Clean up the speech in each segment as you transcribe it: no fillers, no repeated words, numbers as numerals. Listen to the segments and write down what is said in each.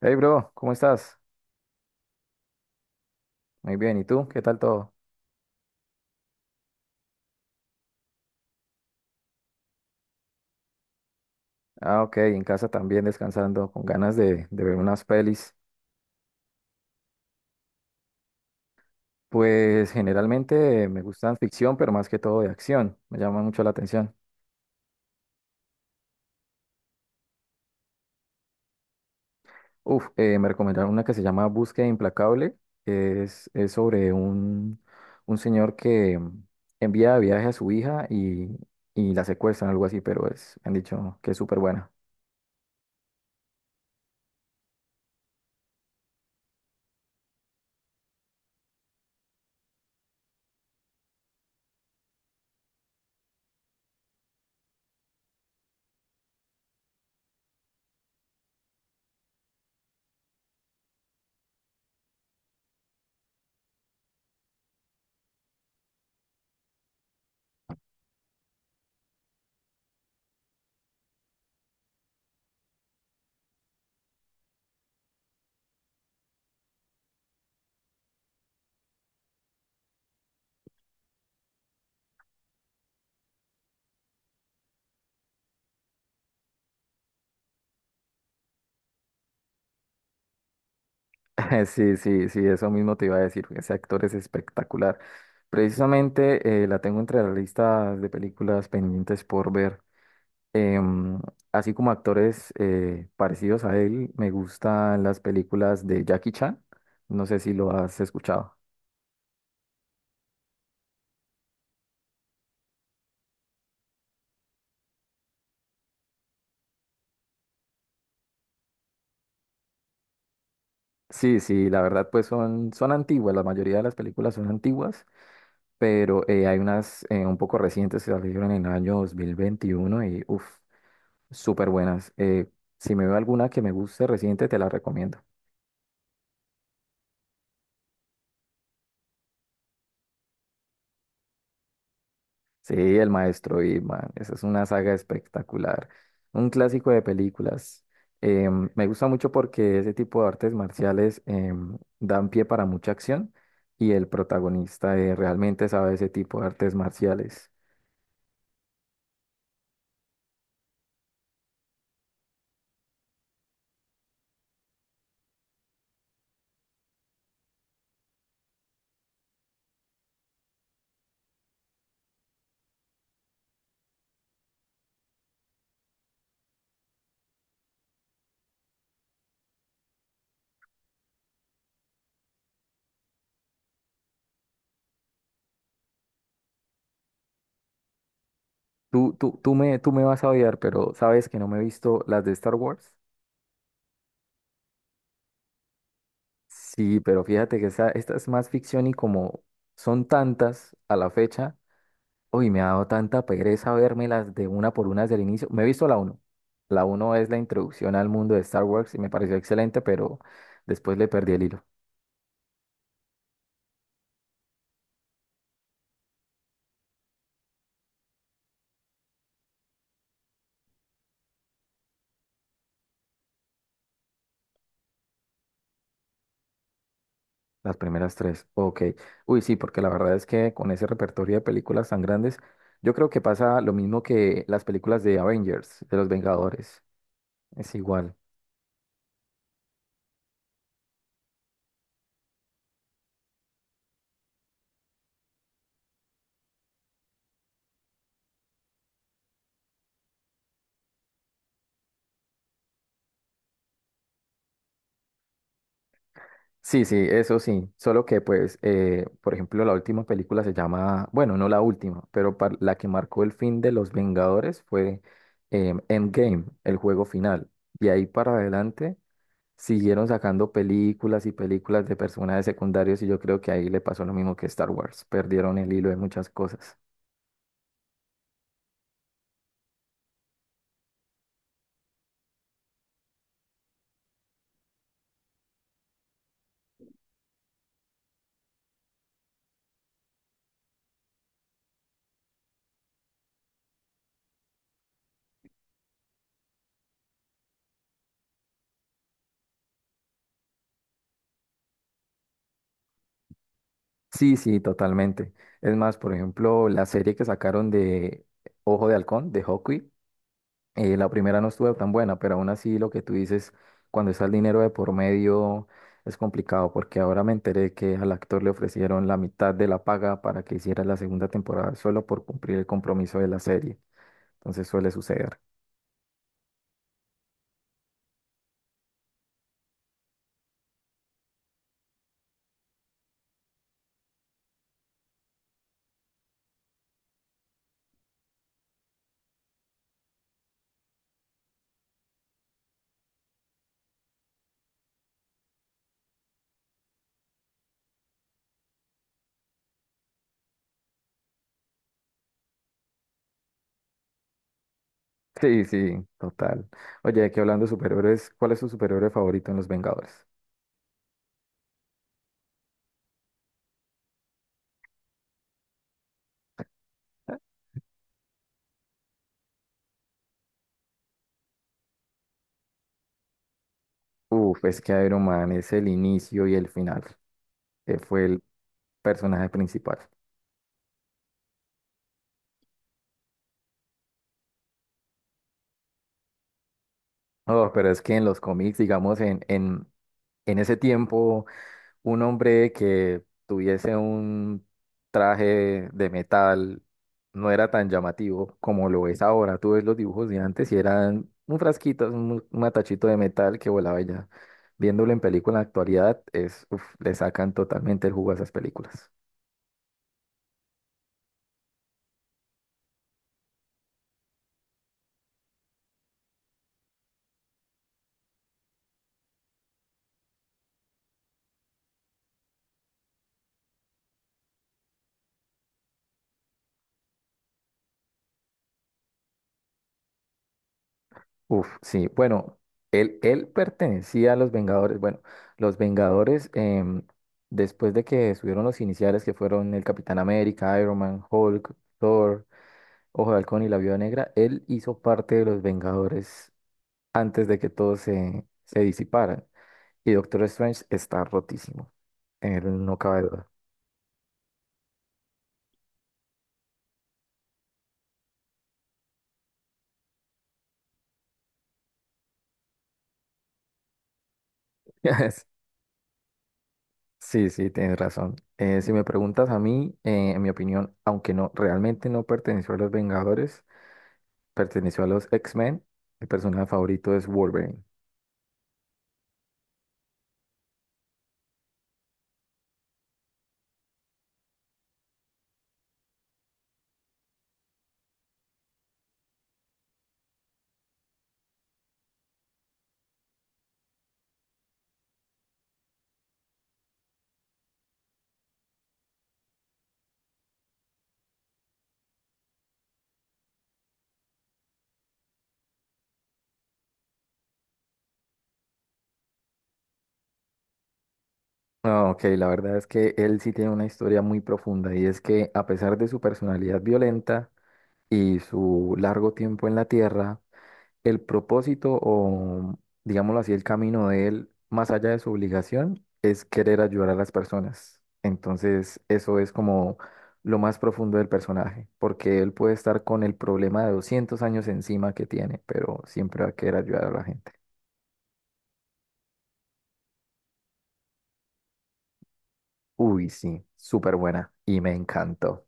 Hey bro, ¿cómo estás? Muy bien, ¿y tú? ¿Qué tal todo? Ah, ok, en casa también descansando, con ganas de ver unas pelis. Pues generalmente me gustan ficción, pero más que todo de acción, me llama mucho la atención. Uf, me recomendaron una que se llama Búsqueda Implacable, es sobre un señor que envía de viaje a su hija y la secuestran, algo así, pero es, me han dicho que es súper buena. Sí, sí, sí, eso mismo te iba a decir. Ese actor es espectacular. Precisamente la tengo entre las listas de películas pendientes por ver. Em, Así como actores parecidos a él, me gustan las películas de Jackie Chan. No sé si lo has escuchado. Sí, sí, la verdad, pues son antiguas. La mayoría de las películas son antiguas, pero hay unas un poco recientes que salieron en el año 2021 y uff. Súper buenas. Si me veo alguna que me guste reciente, te la recomiendo. Sí, El Maestro Irma. Esa es una saga espectacular. Un clásico de películas. Me gusta mucho porque ese tipo de artes marciales dan pie para mucha acción y el protagonista realmente sabe ese tipo de artes marciales. Tú me vas a odiar, pero sabes que no me he visto las de Star Wars. Sí, pero fíjate que esa, esta es más ficción y como son tantas a la fecha. Uy, me ha dado tanta pereza vermelas de una por una desde el inicio. Me he visto la uno. La uno es la introducción al mundo de Star Wars y me pareció excelente, pero después le perdí el hilo. Las primeras tres. Ok. Uy, sí, porque la verdad es que con ese repertorio de películas tan grandes, yo creo que pasa lo mismo que las películas de Avengers, de los Vengadores. Es igual. Sí, sí, eso sí. Solo que, pues, por ejemplo, la última película se llama, bueno, no la última, pero la que marcó el fin de los Vengadores fue Endgame, el juego final. Y ahí para adelante siguieron sacando películas y películas de personajes secundarios y yo creo que ahí le pasó lo mismo que Star Wars. Perdieron el hilo de muchas cosas. Sí, sí, totalmente. Es más, por ejemplo, la serie que sacaron de Ojo de Halcón, de Hawkeye. La primera no estuvo tan buena, pero aún así lo que tú dices, cuando está el dinero de por medio, es complicado, porque ahora me enteré que al actor le ofrecieron la mitad de la paga para que hiciera la segunda temporada solo por cumplir el compromiso de la serie. Entonces suele suceder. Sí, sí, total. Oye, aquí hablando de superhéroes, ¿cuál es tu superhéroe favorito en Los Vengadores? Uf, es que Iron Man es el inicio y el final. Fue el personaje principal. Oh, pero es que en los cómics, digamos, en ese tiempo, un hombre que tuviese un traje de metal no era tan llamativo como lo es ahora. Tú ves los dibujos de antes y eran un frasquito, un matachito de metal que volaba y ya. Viéndolo en película en la actualidad, es, uf, le sacan totalmente el jugo a esas películas. Uf, sí. Bueno, él pertenecía a los Vengadores. Bueno, los Vengadores, después de que subieron los iniciales, que fueron el Capitán América, Iron Man, Hulk, Thor, Ojo de Halcón y la Viuda Negra, él hizo parte de los Vengadores antes de que todos se disiparan. Y Doctor Strange está rotísimo. No cabe duda. Sí, sí, tienes razón. Si me preguntas a mí, en mi opinión, aunque no realmente no perteneció a los Vengadores, perteneció a los X-Men. Mi personaje favorito es Wolverine. Ah, ok, la verdad es que él sí tiene una historia muy profunda y es que a pesar de su personalidad violenta y su largo tiempo en la Tierra, el propósito o, digámoslo así, el camino de él, más allá de su obligación, es querer ayudar a las personas. Entonces, eso es como lo más profundo del personaje, porque él puede estar con el problema de 200 años encima que tiene, pero siempre va a querer ayudar a la gente. Uy, sí, súper buena y me encantó.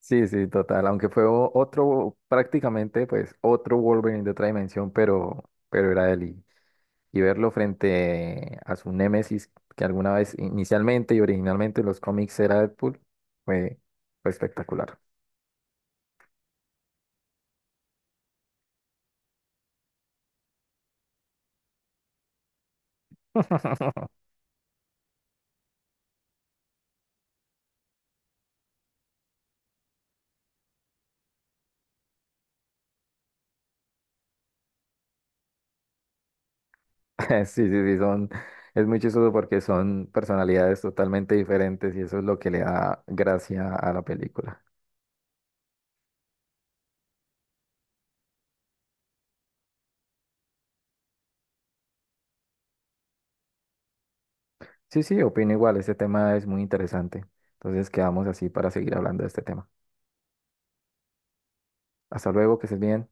Sí, sí, total, aunque fue otro, prácticamente, pues, otro Wolverine de otra dimensión, pero era él y verlo frente a su némesis que alguna vez inicialmente y originalmente en los cómics era Deadpool fue, fue espectacular. Sí, sí, sí, son, es muy chistoso porque son personalidades totalmente diferentes y eso es lo que le da gracia a la película. Sí, sí, opino igual, este tema es muy interesante. Entonces quedamos así para seguir hablando de este tema. Hasta luego, que estés bien.